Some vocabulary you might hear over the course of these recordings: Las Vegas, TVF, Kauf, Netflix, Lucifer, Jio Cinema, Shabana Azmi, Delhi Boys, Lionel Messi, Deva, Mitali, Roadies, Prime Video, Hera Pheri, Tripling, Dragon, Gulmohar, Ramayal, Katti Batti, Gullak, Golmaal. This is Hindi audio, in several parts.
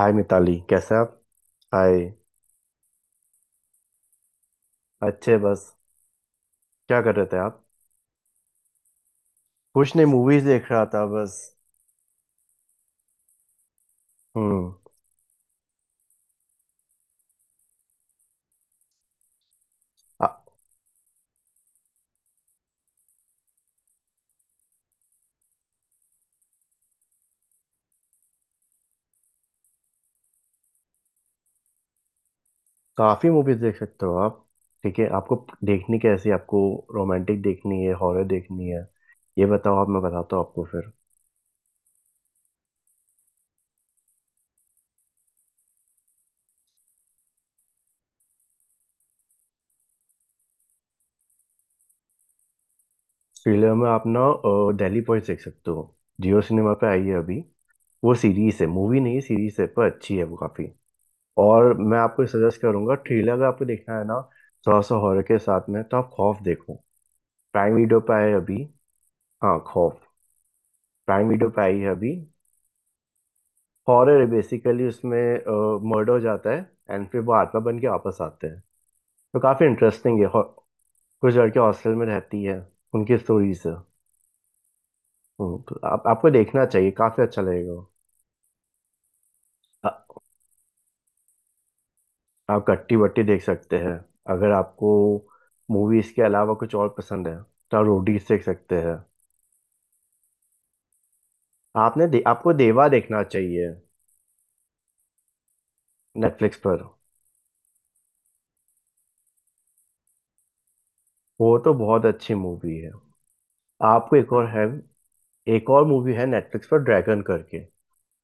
हाय मिताली, कैसे आप। हाय। अच्छे बस। क्या कर रहे थे आप। कुछ नहीं, मूवीज देख रहा था बस। हम्म। आ- काफी मूवीज देख सकते हो आप। ठीक है आपको। देखनी कैसी आपको। रोमांटिक देखनी है, हॉरर देखनी है। ये बताओ आप, मैं बताता हूँ आपको फिर। थ्रिलर में आप ना, दिल्ली बॉयज देख सकते हो। जियो सिनेमा पे आई है अभी। वो सीरीज है, मूवी नहीं है, सीरीज है, पर अच्छी है वो काफी। और मैं आपको सजेस्ट करूंगा थ्रिलर, अगर आपको देखना है ना। थोड़ा सा हॉरर के साथ में, तो आप खौफ देखो। प्राइम वीडियो पे आए अभी। हाँ, खौफ। प्राइम वीडियो पे आई है अभी। हॉरर है बेसिकली, उसमें मर्डर हो जाता है एंड फिर वो आत्मा बन के वापस आते हैं। तो काफी इंटरेस्टिंग है। कुछ लड़कियां हॉस्टल में रहती है, उनकी स्टोरीज है। तो आप आपको देखना चाहिए, काफी अच्छा लगेगा। आ, आप कट्टी बट्टी देख सकते हैं। अगर आपको मूवीज के अलावा कुछ और पसंद है, तो आप रोडीज देख सकते हैं। आपको देवा देखना चाहिए। नेटफ्लिक्स पर। वो तो बहुत अच्छी मूवी है। आपको एक और है। एक और मूवी है नेटफ्लिक्स पर, ड्रैगन करके।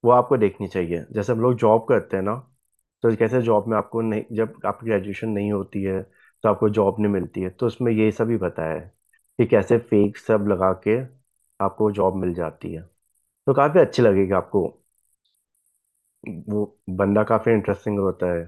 वो आपको देखनी चाहिए। जैसे हम लोग जॉब करते हैं ना, तो कैसे जॉब में आपको नहीं, जब आपकी ग्रेजुएशन नहीं होती है, तो आपको जॉब नहीं मिलती है, तो उसमें ये सब ही बताया है कि कैसे फेक सब लगा के आपको जॉब मिल जाती है। तो काफी अच्छी लगेगी आपको। वो बंदा काफी इंटरेस्टिंग होता है।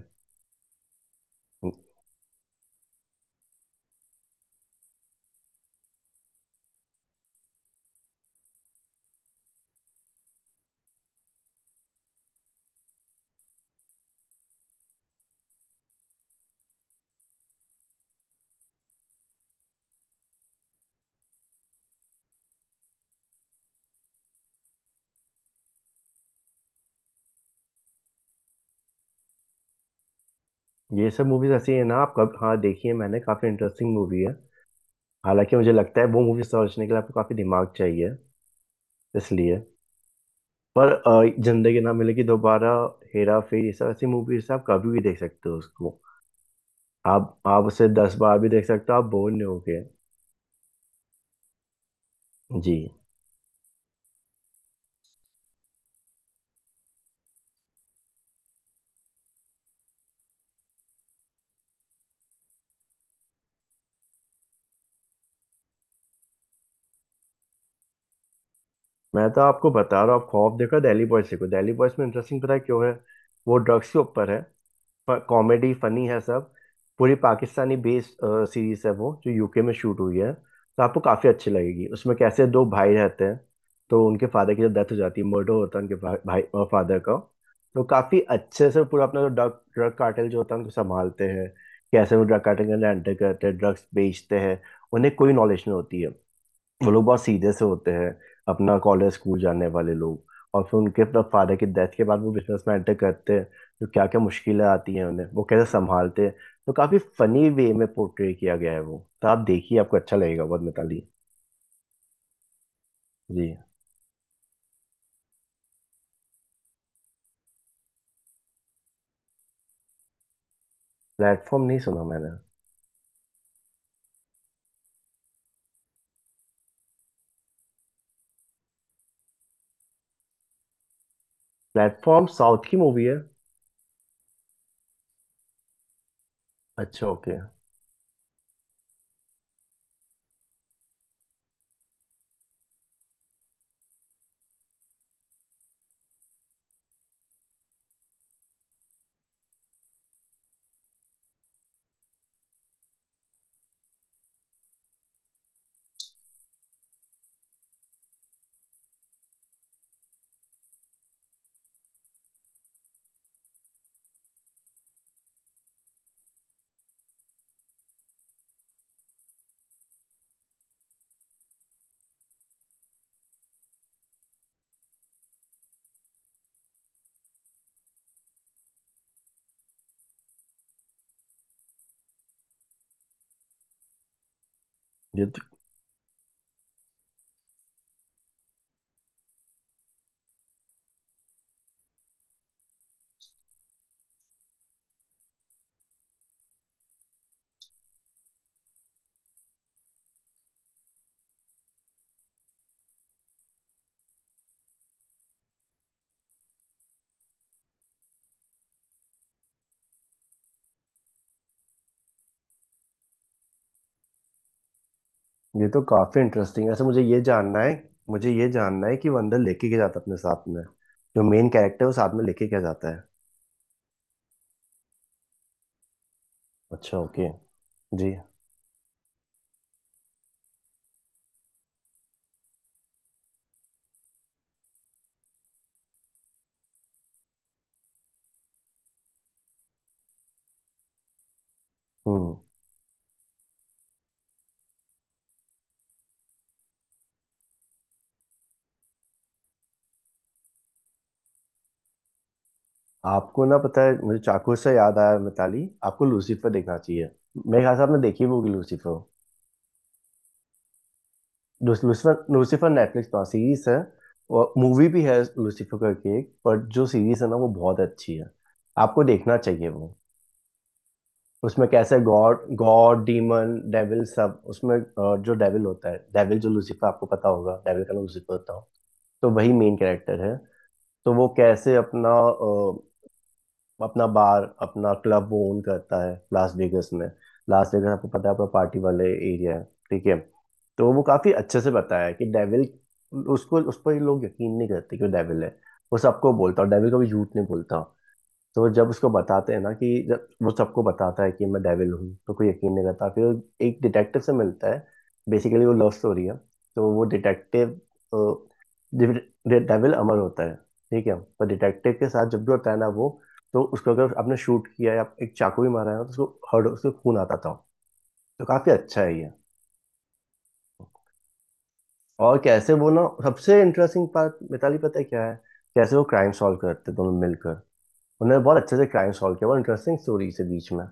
ये सब मूवीज ऐसी है ना। आप कब, हाँ, देखी है मैंने, काफी इंटरेस्टिंग मूवी है। हालांकि मुझे लगता है वो मूवी समझने के लिए आपको काफी दिमाग चाहिए, इसलिए। पर जिंदगी ना मिलेगी दोबारा, हेरा फेरी, इस तरह ऐसी मूवीज आप कभी भी देख सकते हो उसको। आप उसे दस बार भी देख सकते हो, आप बोर नहीं होगे। जी। मैं तो आपको बता रहा हूँ, आप खौफ देखो, दिल्ली बॉयज देखो। दिल्ली बॉयज में इंटरेस्टिंग, पता है क्यों है। वो ड्रग्स के ऊपर है, कॉमेडी फनी है सब। पूरी पाकिस्तानी बेस्ड सीरीज है वो, जो यूके में शूट हुई है, तो आपको काफी अच्छी लगेगी। उसमें कैसे दो भाई रहते हैं, तो उनके फादर की जब डेथ हो जाती है, मर्डर होता है उनके भाई फादर का। तो काफी अच्छे से पूरा अपना जो ड्रग ड्रग कार्टेल जो होता है उनको संभालते हैं। कैसे वो ड्रग कार्टेल के अंदर एंटर करते हैं, ड्रग्स बेचते हैं, उन्हें कोई नॉलेज नहीं होती है। वो लोग बहुत सीधे से होते हैं, अपना कॉलेज स्कूल जाने वाले लोग। और फिर उनके अपना फादर की डेथ के बाद वो बिजनेस में enter करते हैं, तो क्या क्या मुश्किलें आती हैं उन्हें, वो कैसे संभालते हैं। तो काफी फनी वे में पोर्ट्रे किया गया है वो, तो आप देखिए, आपको अच्छा लगेगा बहुत, मिताली। जी। प्लेटफॉर्म नहीं सुना मैंने। प्लेटफॉर्म साउथ की मूवी है। अच्छा ओके। ये तो ये तो काफी इंटरेस्टिंग है, ऐसे मुझे ये जानना है। मुझे ये जानना है कि वो अंदर लेके क्या जाता है अपने साथ में, जो मेन कैरेक्टर है वो साथ में लेके क्या जाता है। अच्छा ओके। जी। हम्म। आपको ना पता है, मुझे चाकू से याद आया मिताली, आपको लूसीफर देखना चाहिए। मेरे ख्याल से आपने देखी भी होगी Lucifer. Luci- Lucifer Lucifer Netflix पर सीरीज है। और मूवी भी है लूसीफर करके एक, पर जो सीरीज है ना वो बहुत अच्छी है, आपको देखना चाहिए वो। उसमें कैसे गॉड गॉड डीमन डेविल सब, उसमें जो डेविल होता है, डेविल जो लूसीफर, आपको पता होगा डेविल का नाम लूसीफर होता हो, तो वही मेन कैरेक्टर है। तो वो कैसे अपना बार, अपना क्लब वो ओन करता है लास वेगस में। लास वेगस आपको पता है, अपना पार्टी वाले एरिया है, ठीक है। तो वो काफी अच्छे से बताया है कि डेविल, उसको उस पर लोग यकीन नहीं करते कि वो डेविल है। वो सबको बोलता, और डेविल कभी झूठ नहीं बोलता। तो जब उसको बताते हैं ना कि जब वो सबको बताता है कि मैं डेविल हूँ, तो कोई यकीन नहीं करता, फिर वो एक डिटेक्टिव से मिलता है। बेसिकली वो लव स्टोरी है, तो वो डिटेक्टिव। डेविल अमर होता है, ठीक है, पर डिटेक्टिव के साथ जब भी होता है ना वो, तो उसको अगर आपने शूट किया या एक चाकू भी मारा है ना, तो उसको हर्ट, उसको खून आता था। तो काफी अच्छा है ये। और कैसे वो ना, सबसे इंटरेस्टिंग पार्ट मिताली पता है क्या है, कैसे वो क्राइम सॉल्व करते दोनों मिलकर। उन्होंने बहुत अच्छे से क्राइम सॉल्व किया, बहुत इंटरेस्टिंग स्टोरी से बीच में,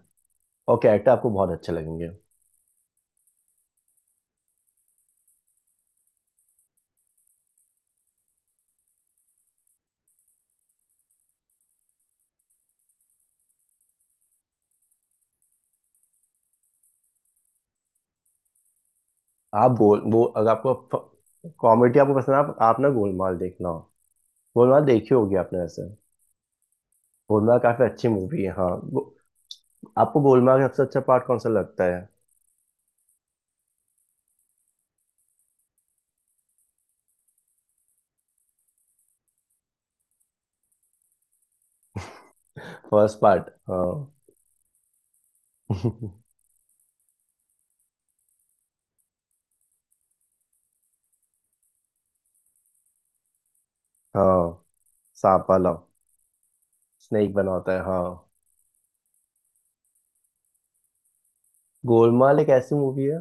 और कैरेक्टर आपको बहुत अच्छे लगेंगे। आप गोल वो अगर आपको कॉमेडी आपको पसंद है, आप ना गोलमाल देखना, गोलमाल देखी होगी आपने वैसे। गोलमाल काफी अच्छी मूवी है, हाँ। आपको गोलमाल का सबसे अच्छा पार्ट कौन सा लगता है। फर्स्ट पार्ट, हाँ। हाँ, सांप वाला, स्नेक बना होता है, हाँ। गोलमाल एक ऐसी मूवी है।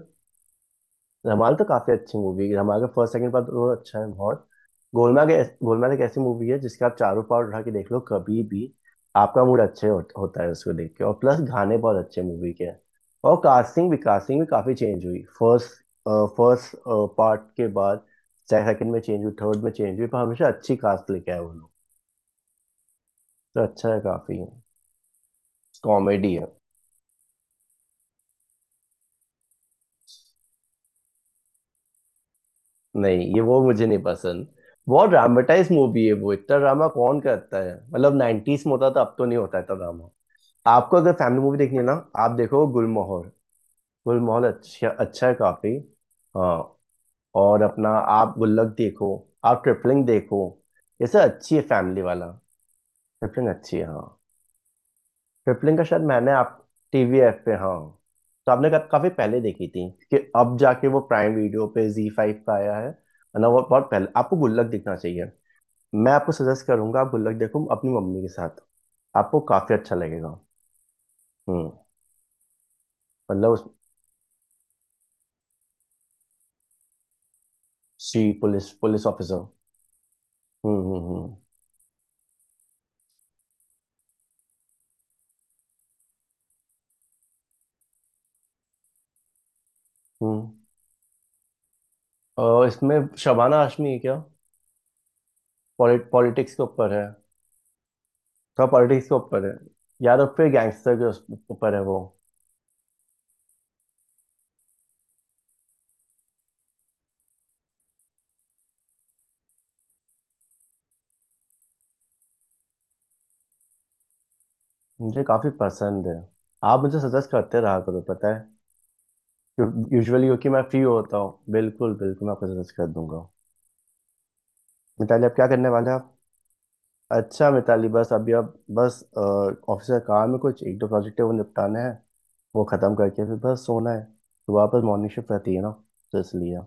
रमाल तो काफी अच्छी मूवी है, रमाल का फर्स्ट सेकंड पार्ट दोनों अच्छा है बहुत। गोलमाल के, गोलमाल एक ऐसी मूवी है जिसके आप चारों पार्ट उठा के देख लो कभी भी। आपका मूड अच्छे होता है उसको देख के, और प्लस गाने बहुत अच्छे मूवी के हैं। और कास्टिंग भी काफी चेंज हुई फर्स्ट फर्स्ट पार्ट के बाद, सेकंड में चेंज हुई, थर्ड में चेंज हुई, पर हमेशा अच्छी कास्ट लेके आए वो लोग। तो अच्छा है काफी, कॉमेडी है। नहीं, ये वो मुझे नहीं पसंद। बहुत ड्रामेटाइज मूवी है वो, इतना ड्रामा कौन करता है, मतलब 90s में होता था, अब तो नहीं होता इतना ड्रामा। आपको अगर फैमिली मूवी देखनी है ना, आप देखो गुलमोहर। गुलमोहर अच्छा अच्छा है काफी। हाँ। और अपना, आप गुल्लक देखो, आप ट्रिपलिंग देखो, ये सब अच्छी है फैमिली वाला। ट्रिपलिंग अच्छी है, हाँ। ट्रिपलिंग का शायद मैंने आप, टीवीएफ पे, हाँ। तो आपने काफी पहले देखी थी कि अब जाके वो प्राइम वीडियो पे, जी फाइव पे आया है ना, वो बहुत पहले। आपको गुल्लक देखना चाहिए, मैं आपको सजेस्ट करूंगा, आप गुल्लक देखो अपनी मम्मी के साथ, आपको काफी अच्छा लगेगा। हम्म। मतलब उस, सी पुलिस पुलिस ऑफिसर। हम्म, हम्म, हम्म। हम्म। और इसमें शबाना आशमी है क्या। पॉलिटिक्स के ऊपर है। थोड़ा पॉलिटिक्स के ऊपर है, या तो फिर गैंगस्टर के ऊपर है वो। मुझे काफी पसंद है, आप मुझे सजेस्ट करते रहा करो, पता है। यूजुअली क्योंकि मैं फ्री होता हूँ, बिल्कुल बिल्कुल मैं आपको सजेस्ट कर दूंगा। मिताली आप क्या करने वाले। अच्छा मिताली, बस अभी अब, बस ऑफिस का काम है, कुछ एक दो प्रोजेक्ट है वो निपटाने हैं, वो खत्म करके फिर बस सोना है। तो वापस मॉर्निंग शिफ्ट रहती है ना, तो इसलिए।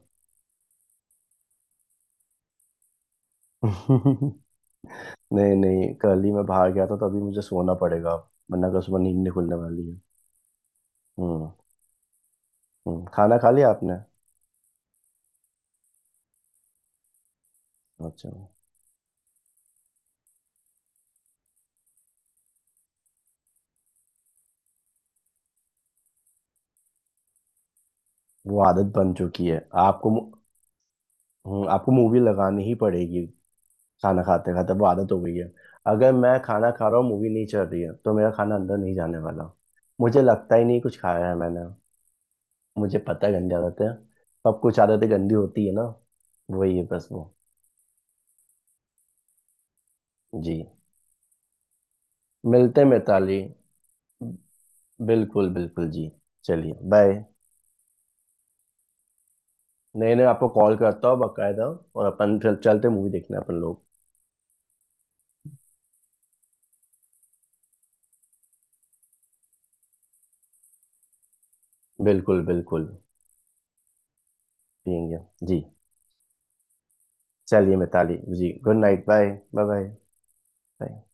नहीं नहीं, कल ही मैं बाहर गया था, तो अभी मुझे सोना पड़ेगा अब, वरना कल सुबह नींद नहीं खुलने वाली है। हम्म। खाना खा लिया आपने। अच्छा। वो आदत बन चुकी है। आपको मु- आपको मूवी लगानी ही पड़ेगी, खाना खाते खाते वो आदत हो गई है। अगर मैं खाना खा रहा हूँ मूवी नहीं चल रही है, तो मेरा खाना अंदर नहीं जाने वाला, मुझे लगता ही नहीं कुछ खाया है मैंने। मुझे पता है गंदी आदतें हैं, सब कुछ आदतें गंदी होती है ना, वही है बस वो। जी। मिलते हैं मिताली। बिल्कुल बिल्कुल जी। चलिए बाय। नहीं नहीं, आपको कॉल करता हूँ बकायदा। और अपन चलते मूवी देखने अपन लोग। बिल्कुल बिल्कुल। ठीक है। जी। चलिए Mitali ji, good night, bye. Bye. Bye.